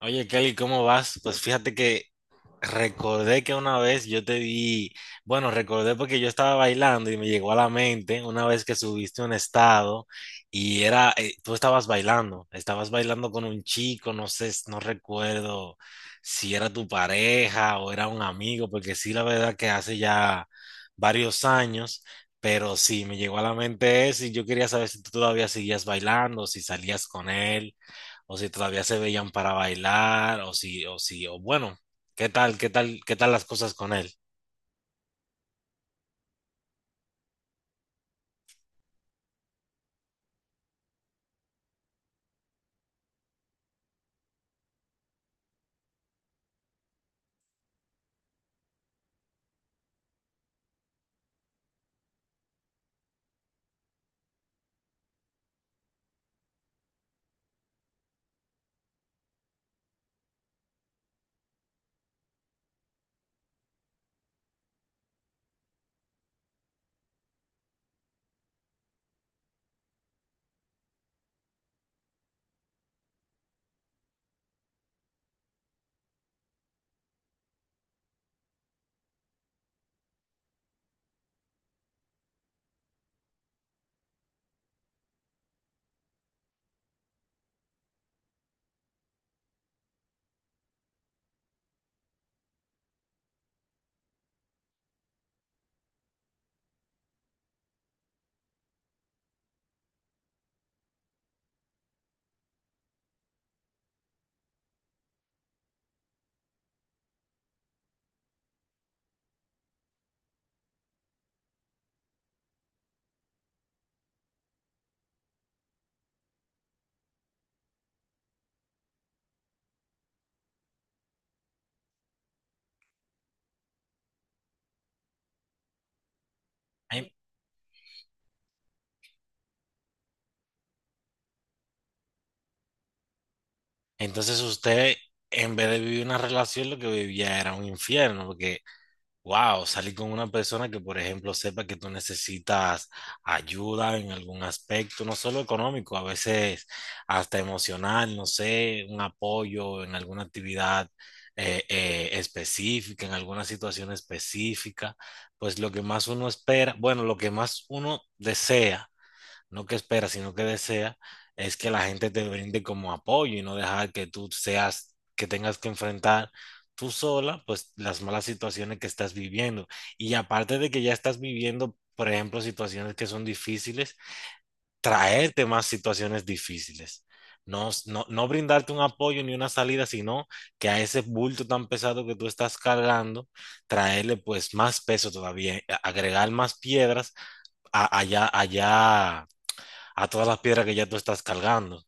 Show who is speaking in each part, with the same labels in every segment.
Speaker 1: Oye, Kelly, ¿cómo vas? Pues fíjate que recordé que una vez yo te vi, bueno, recordé porque yo estaba bailando y me llegó a la mente una vez que subiste un estado y era, tú estabas bailando con un chico, no sé, no recuerdo si era tu pareja o era un amigo, porque sí, la verdad que hace ya varios años, pero sí, me llegó a la mente eso y yo quería saber si tú todavía seguías bailando, si salías con él o si todavía se veían para bailar, o si, o si, o bueno, ¿qué tal, qué tal las cosas con él? En- Entonces usted, en vez de vivir una relación, lo que vivía era un infierno, porque wow, salir con una persona que, por ejemplo, sepa que tú necesitas ayuda en algún aspecto, no solo económico, a veces hasta emocional, no sé, un apoyo en alguna actividad específica, en alguna situación específica, pues lo que más uno espera, bueno, lo que más uno desea no que espera, sino que desea, es que la gente te brinde como apoyo y no dejar que tú seas, que tengas que enfrentar tú sola, pues las malas situaciones que estás viviendo. Y aparte de que ya estás viviendo, por ejemplo, situaciones que son difíciles, traerte más situaciones difíciles. No brindarte un apoyo ni una salida, sino que a ese bulto tan pesado que tú estás cargando, traerle pues más peso todavía, agregar más piedras allá a todas las piedras que ya tú estás cargando.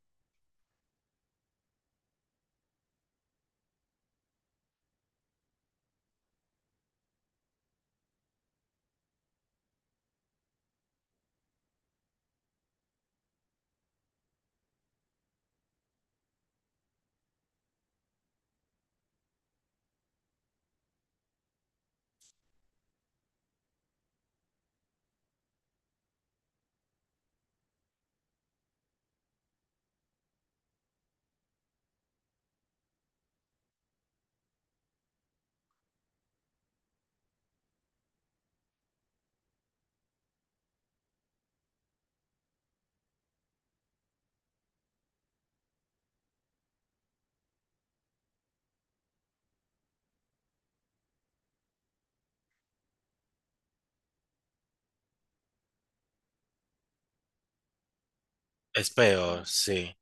Speaker 1: Es peor, sí.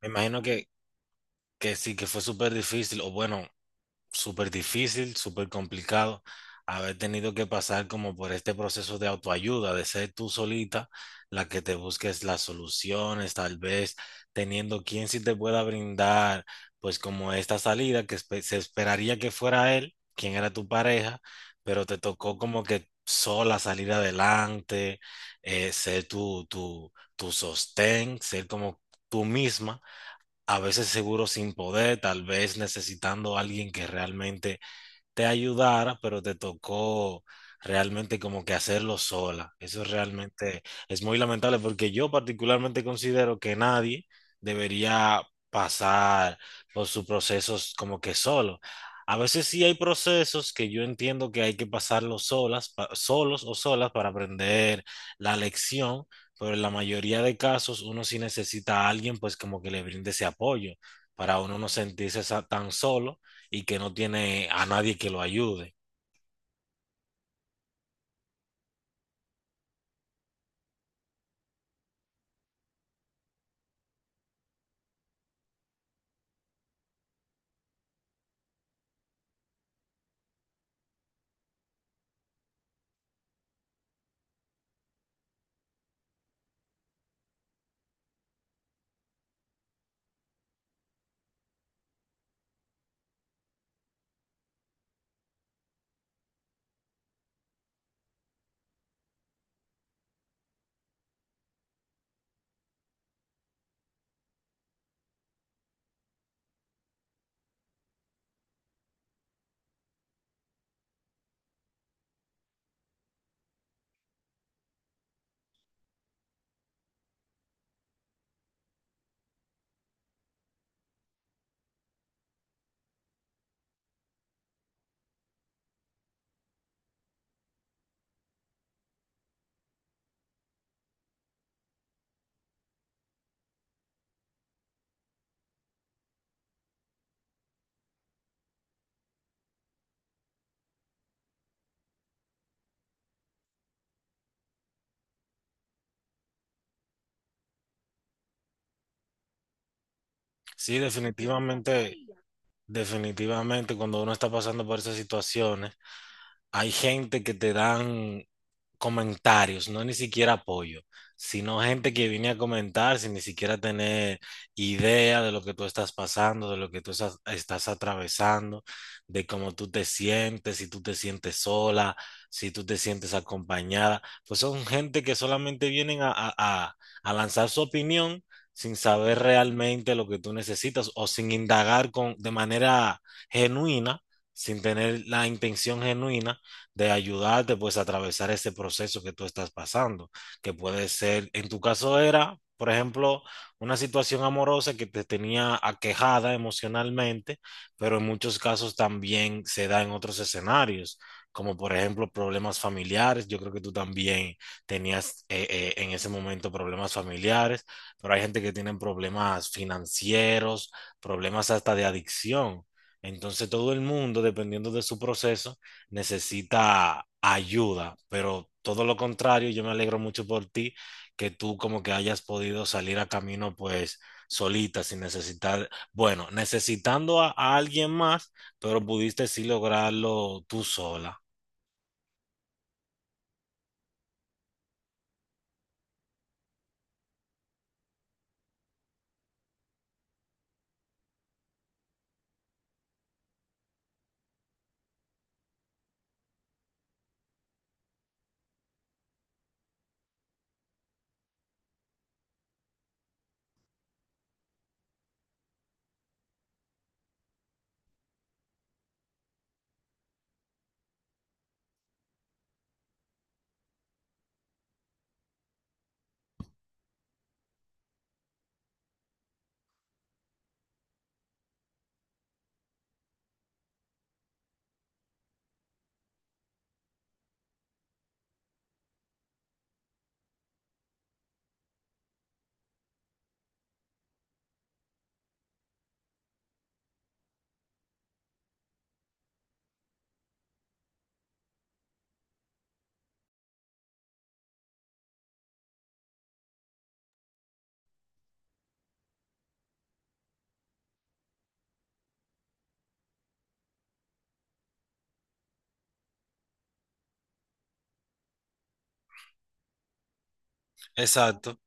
Speaker 1: Me imagino que sí, que fue súper difícil, o bueno, súper difícil, súper complicado, haber tenido que pasar como por este proceso de autoayuda, de ser tú solita la que te busques las soluciones, tal vez teniendo quien sí te pueda brindar, pues como esta salida que se esperaría que fuera él, quien era tu pareja, pero te tocó como que sola salir adelante, ser tu sostén, ser como tú misma a veces seguro sin poder, tal vez necesitando a alguien que realmente te ayudara, pero te tocó realmente como que hacerlo sola. Eso realmente es muy lamentable porque yo particularmente considero que nadie debería pasar por sus procesos como que solo. A veces sí hay procesos que yo entiendo que hay que pasarlos solas, solos o solas para aprender la lección, pero en la mayoría de casos uno sí necesita a alguien pues como que le brinde ese apoyo para uno no sentirse tan solo y que no tiene a nadie que lo ayude. Sí, definitivamente, definitivamente cuando uno está pasando por esas situaciones, hay gente que te dan comentarios, no ni siquiera apoyo, sino gente que viene a comentar sin ni siquiera tener idea de lo que tú estás pasando, de lo que tú estás, estás atravesando, de cómo tú te sientes, si tú te sientes sola, si tú te sientes acompañada. Pues son gente que solamente vienen a, a lanzar su opinión sin saber realmente lo que tú necesitas o sin indagar con, de manera genuina, sin tener la intención genuina de ayudarte pues a atravesar ese proceso que tú estás pasando, que puede ser, en tu caso era, por ejemplo, una situación amorosa que te tenía aquejada emocionalmente, pero en muchos casos también se da en otros escenarios, como por ejemplo problemas familiares. Yo creo que tú también tenías en ese momento problemas familiares, pero hay gente que tiene problemas financieros, problemas hasta de adicción. Entonces todo el mundo, dependiendo de su proceso, necesita ayuda, pero todo lo contrario, yo me alegro mucho por ti, que tú como que hayas podido salir a camino pues solita, sin necesitar, bueno, necesitando a alguien más, pero pudiste sí lograrlo tú sola. Exacto.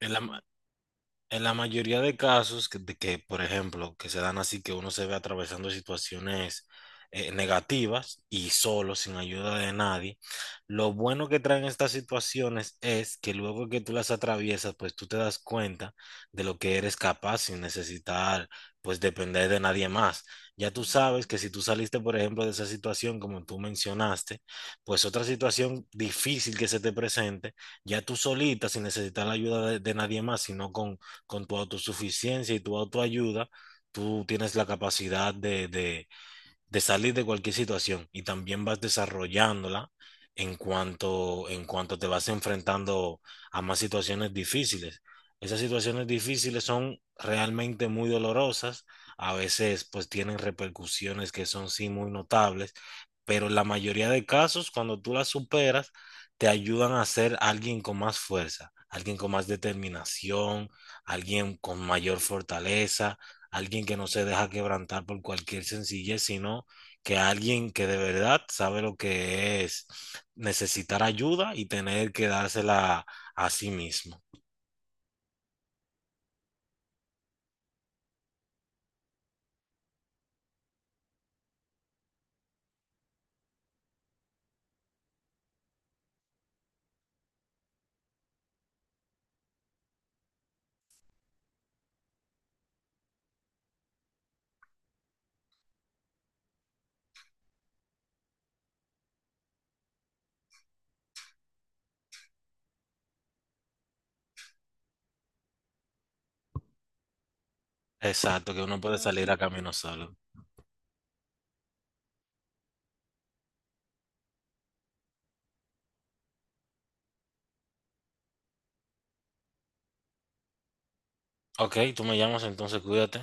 Speaker 1: Es la, en la mayoría de casos que, de que, por ejemplo, que se dan así que uno se ve atravesando situaciones negativas y solo, sin ayuda de nadie, lo bueno que traen estas situaciones es que luego que tú las atraviesas, pues tú te das cuenta de lo que eres capaz sin necesitar, pues depender de nadie más. Ya tú sabes que si tú saliste, por ejemplo, de esa situación, como tú mencionaste, pues otra situación difícil que se te presente, ya tú solita, sin necesitar la ayuda de nadie más, sino con tu autosuficiencia y tu autoayuda, tú tienes la capacidad de salir de cualquier situación y también vas desarrollándola en cuanto te vas enfrentando a más situaciones difíciles. Esas situaciones difíciles son realmente muy dolorosas, a veces pues tienen repercusiones que son sí muy notables, pero en la mayoría de casos cuando tú las superas te ayudan a ser alguien con más fuerza, alguien con más determinación, alguien con mayor fortaleza, alguien que no se deja quebrantar por cualquier sencillez, sino que alguien que de verdad sabe lo que es necesitar ayuda y tener que dársela a sí mismo. Exacto, que uno puede salir a camino solo. Ok, tú me llamas entonces, cuídate.